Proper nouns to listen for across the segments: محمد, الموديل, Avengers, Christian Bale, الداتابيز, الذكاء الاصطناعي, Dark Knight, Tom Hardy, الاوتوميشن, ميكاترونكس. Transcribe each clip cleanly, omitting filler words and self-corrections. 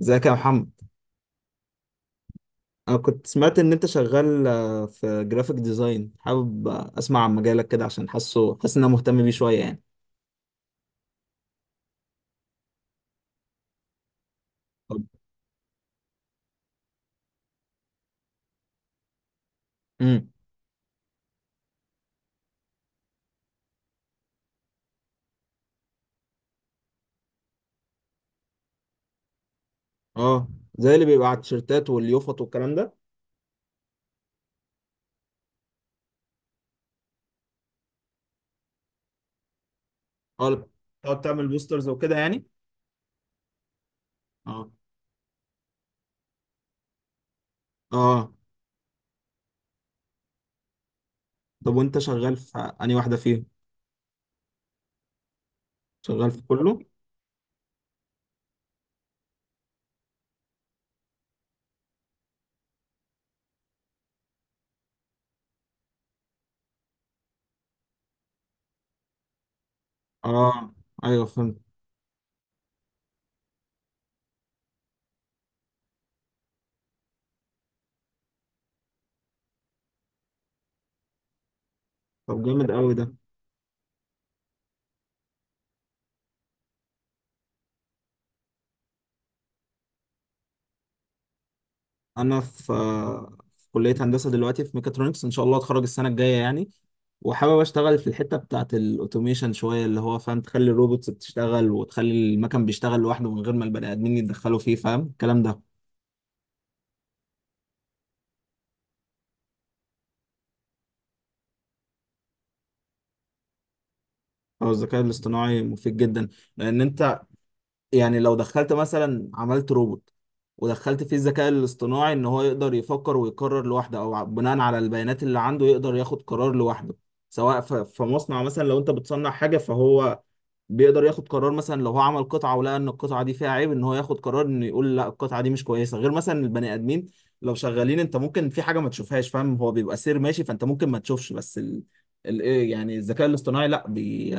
ازيك يا محمد؟ انا كنت سمعت ان انت شغال في جرافيك ديزاين، حابب اسمع عن مجالك كده عشان حاسس ان انا مهتم بيه شويه يعني. طب. امم اه، زي اللي بيبقى على التيشيرتات واليوفط والكلام ده. اه، تقعد تعمل بوسترز وكده يعني. اه. اه. طب، وانت شغال في انهي واحده فيهم؟ شغال في كله؟ اه، ايوه، فهمت. طب جامد قوي ده. انا في كليه هندسه دلوقتي، في ميكاترونكس، ان شاء الله اتخرج السنه الجايه يعني. وحابب اشتغل في الحته بتاعه الاوتوميشن شويه، اللي هو فاهم تخلي الروبوتس بتشتغل وتخلي المكن بيشتغل لوحده من غير ما البني ادمين يتدخلوا فيه، فاهم الكلام ده؟ هو الذكاء الاصطناعي مفيد جدا، لان انت يعني لو دخلت مثلا عملت روبوت ودخلت فيه الذكاء الاصطناعي ان هو يقدر يفكر ويقرر لوحده او بناء على البيانات اللي عنده يقدر ياخد قرار لوحده، سواء في مصنع مثلا. لو انت بتصنع حاجه فهو بيقدر ياخد قرار، مثلا لو هو عمل قطعه ولقى ان القطعه دي فيها عيب ان هو ياخد قرار انه يقول لا، القطعه دي مش كويسه، غير مثلا البني ادمين لو شغالين انت ممكن في حاجه ما تشوفهاش، فاهم؟ هو بيبقى سير ماشي فانت ممكن ما تشوفش، بس إيه يعني الذكاء الاصطناعي لا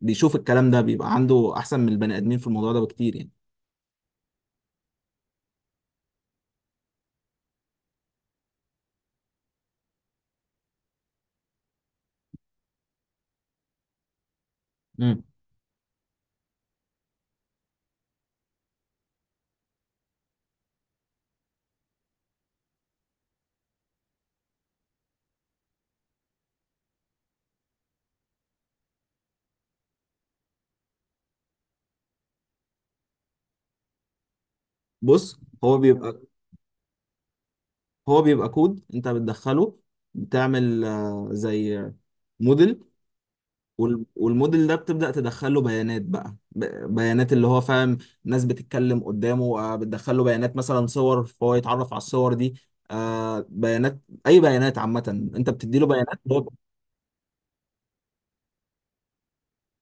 بيشوف الكلام ده، بيبقى عنده احسن من البني ادمين في الموضوع ده بكتير يعني. مم. بص، هو بيبقى كود انت بتدخله. بتعمل زي موديل. والموديل ده بتبدأ تدخله بيانات بقى، بيانات اللي هو فاهم. ناس بتتكلم قدامه، بتدخله بيانات مثلا صور فهو يتعرف على الصور دي. بيانات، أي بيانات عامة أنت بتديله بيانات. هو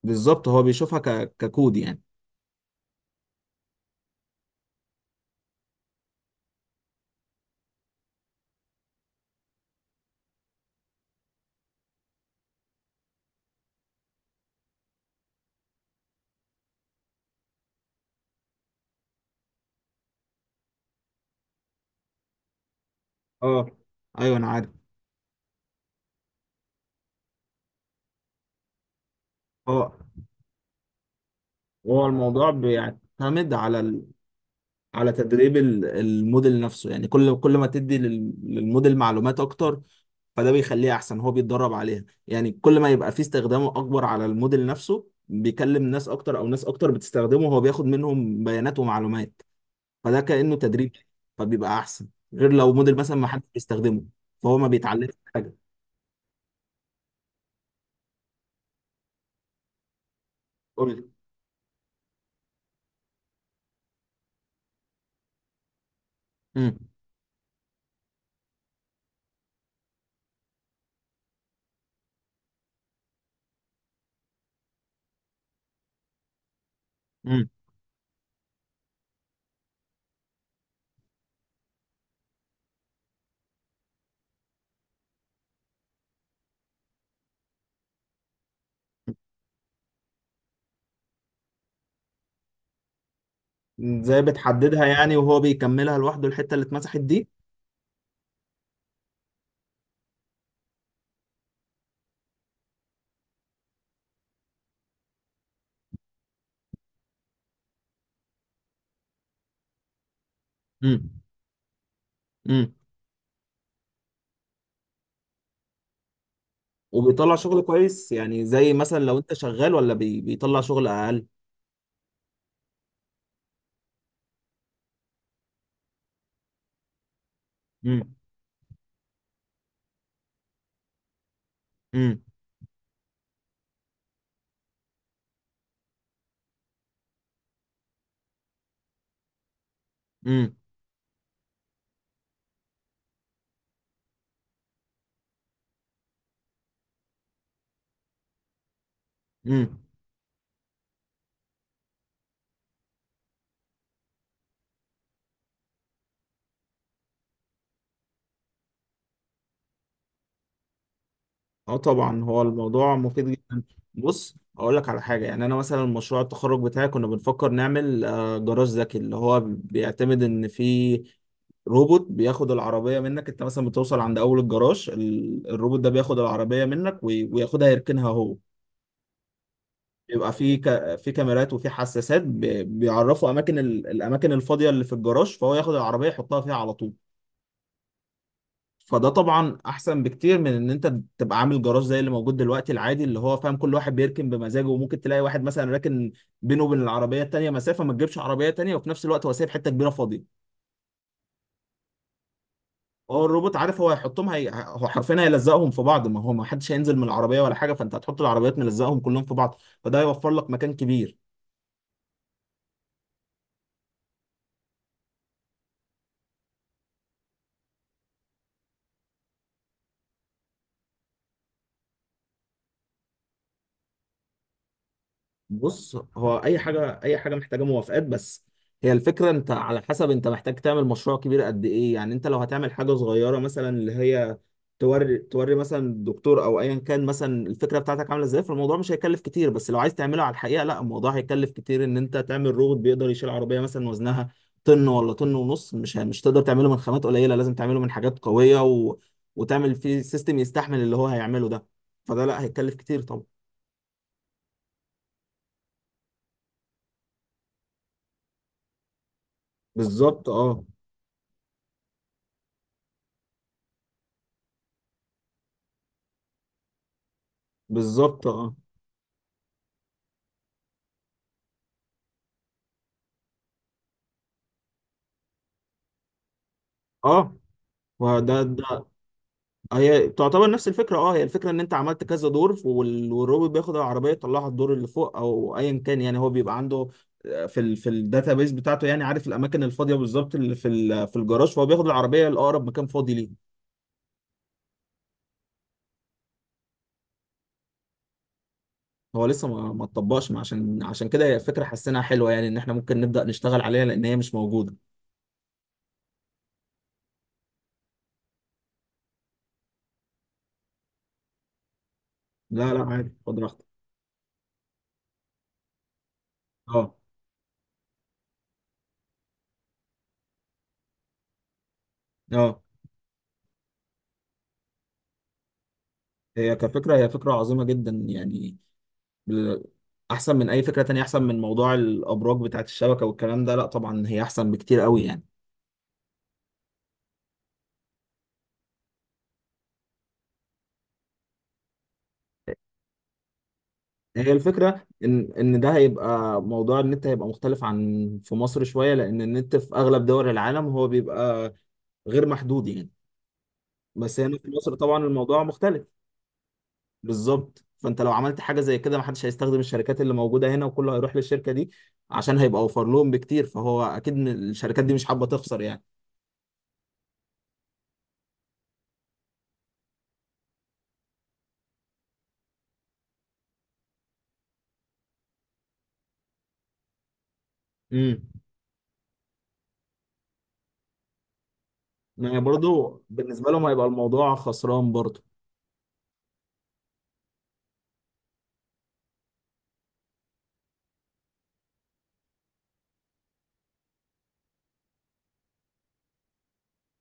بالظبط، هو بيشوفها ككود يعني. اه، أيوه أنا عارف. هو هو الموضوع بيعتمد على على تدريب الموديل نفسه يعني، كل ما تدي للموديل معلومات أكتر. فده بيخليه احسن، هو بيتدرب عليها يعني. كل ما يبقى فيه استخدامه اكبر على الموديل نفسه، بيكلم ناس اكتر او ناس اكتر بتستخدمه، هو بياخد منهم بيانات ومعلومات. فده كأنه تدريب، فبيبقى احسن. غير لو موديل مثلا ما حدش بيستخدمه فهو ما بيتعلمش حاجه. قول لي. امم امم ازاي بتحددها يعني وهو بيكملها لوحده الحته اللي اتمسحت دي؟ امم امم وبيطلع شغل كويس يعني زي مثلا لو انت شغال، ولا بيطلع شغل اقل؟ امم، امم، امم، اه، طبعا هو الموضوع مفيد جدا. بص، اقول لك على حاجه يعني. انا مثلا مشروع التخرج بتاعي كنا بنفكر نعمل جراج ذكي، اللي هو بيعتمد ان في روبوت بياخد العربيه منك. انت مثلا بتوصل عند اول الجراج، الروبوت ده بياخد العربيه منك وياخدها يركنها هو. يبقى في في كاميرات وفي حساسات بيعرفوا اماكن الاماكن الفاضيه اللي في الجراج، فهو ياخد العربيه يحطها فيها على طول. فده طبعا احسن بكتير من ان انت تبقى عامل جراج زي اللي موجود دلوقتي العادي، اللي هو فاهم كل واحد بيركن بمزاجه، وممكن تلاقي واحد مثلا راكن بينه وبين العربيه التانيه مسافه ما تجيبش عربيه تانيه، وفي نفس الوقت هو سايب حته كبيره فاضيه. هو الروبوت عارف هو هيحطهم، هو حرفيا هيلزقهم في بعض، ما هو ما حدش هينزل من العربيه ولا حاجه، فانت هتحط العربيات ملزقهم كلهم في بعض، فده هيوفر لك مكان كبير. بص، هو اي حاجه، اي حاجه محتاجه موافقات بس. هي الفكره، انت على حسب انت محتاج تعمل مشروع كبير قد ايه يعني. انت لو هتعمل حاجه صغيره مثلا، اللي هي توري توري مثلا الدكتور او ايا كان مثلا الفكره بتاعتك عامله ازاي، فالموضوع مش هيكلف كتير. بس لو عايز تعمله على الحقيقه، لا، الموضوع هيكلف كتير، ان انت تعمل روبوت بيقدر يشيل عربيه مثلا وزنها طن ولا طن ونص، مش تقدر تعمله من خامات قليله، لازم تعمله من حاجات قويه وتعمل فيه سيستم يستحمل اللي هو هيعمله ده. فده لا، هيكلف كتير طبعا. بالظبط، اه. بالظبط، اه. اه، وده هي تعتبر نفس الفكره، اه. هي الفكره ان انت عملت كذا دور، والروبوت بياخد العربيه يطلعها الدور اللي فوق او ايا كان يعني، هو بيبقى عنده في الداتابيز بتاعته يعني، عارف الاماكن الفاضيه بالظبط اللي في الجراج، فهو بياخد العربيه لاقرب مكان فاضي ليه. هو لسه ما ما اتطبقش، ما عشان كده هي فكره حسيناها حلوه يعني، ان احنا ممكن نبدا نشتغل عليها لان هي مش موجوده. لا، لا، عادي، خد راحتك. اه، اه، هي كفكره، هي فكره عظيمه جدا يعني. بال- احسن من اي فكره تانية، احسن من موضوع الابراج بتاعت الشبكه والكلام ده، لا طبعا هي احسن بكتير قوي يعني. هي الفكرة إن ده هيبقى موضوع النت هيبقى مختلف عن في مصر شوية، لأن النت في أغلب دول العالم هو بيبقى غير محدود يعني. بس هنا في مصر طبعا الموضوع مختلف. بالظبط، فأنت لو عملت حاجة زي كده محدش هيستخدم الشركات اللي موجودة هنا، وكله هيروح للشركة دي، عشان هيبقى أوفر لهم بكتير، فهو أكيد الشركات دي مش حابة تخسر يعني. امم ما هي برضه بالنسبة لهم هيبقى الموضوع خسران برضه.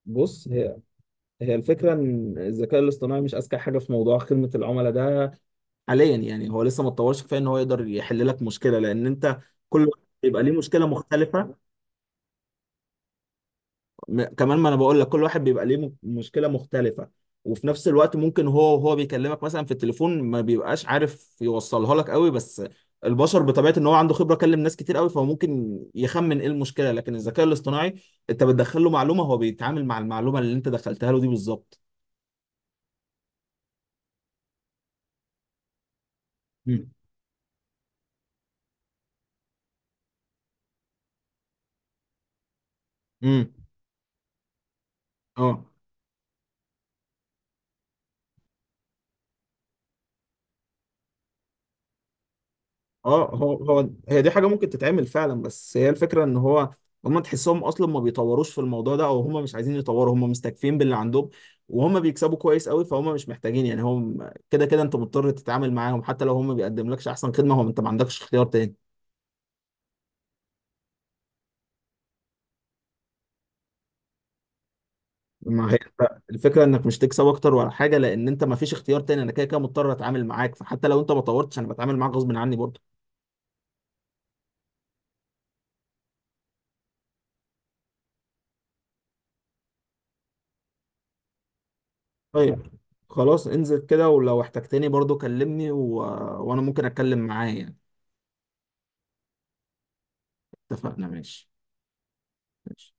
بص، هي الفكرة إن الذكاء الاصطناعي مش أذكى حاجة في موضوع خدمة العملاء ده حاليا يعني، هو لسه ما اتطورش كفايه إن هو يقدر يحل لك مشكلة، لأن أنت كل واحد بيبقى ليه مشكلة مختلفة. كمان، ما انا بقول لك كل واحد بيبقى ليه مشكله مختلفه، وفي نفس الوقت ممكن هو وهو بيكلمك مثلا في التليفون ما بيبقاش عارف يوصلها لك قوي. بس البشر بطبيعه ان هو عنده خبره، كلم ناس كتير قوي، فهو ممكن يخمن ايه المشكله. لكن الذكاء الاصطناعي انت بتدخل له معلومه، هو بيتعامل مع المعلومه اللي انت دخلتها له دي بالظبط. مم. امم، اه، اه. هو هي دي حاجة ممكن تتعمل فعلا، بس هي الفكرة ان هو، هم تحسهم اصلا ما بيطوروش في الموضوع ده، او هم مش عايزين يطوروا، هم مستكفين باللي عندهم، وهم بيكسبوا كويس قوي، فهم مش محتاجين يعني. هم كده كده انت مضطر تتعامل معاهم حتى لو هم بيقدم لكش احسن خدمة، هو انت ما عندكش اختيار تاني. ما هي الفكرة انك مش تكسب اكتر ولا حاجة، لان انت ما فيش اختيار تاني، انا كده كده مضطر اتعامل معاك، فحتى لو انت ما طورتش انا بتعامل معاك غصب عني برضه. طيب، خلاص، انزل كده، ولو احتجتني برضه كلمني وانا ممكن اتكلم معاه يعني. اتفقنا، ماشي. ماشي.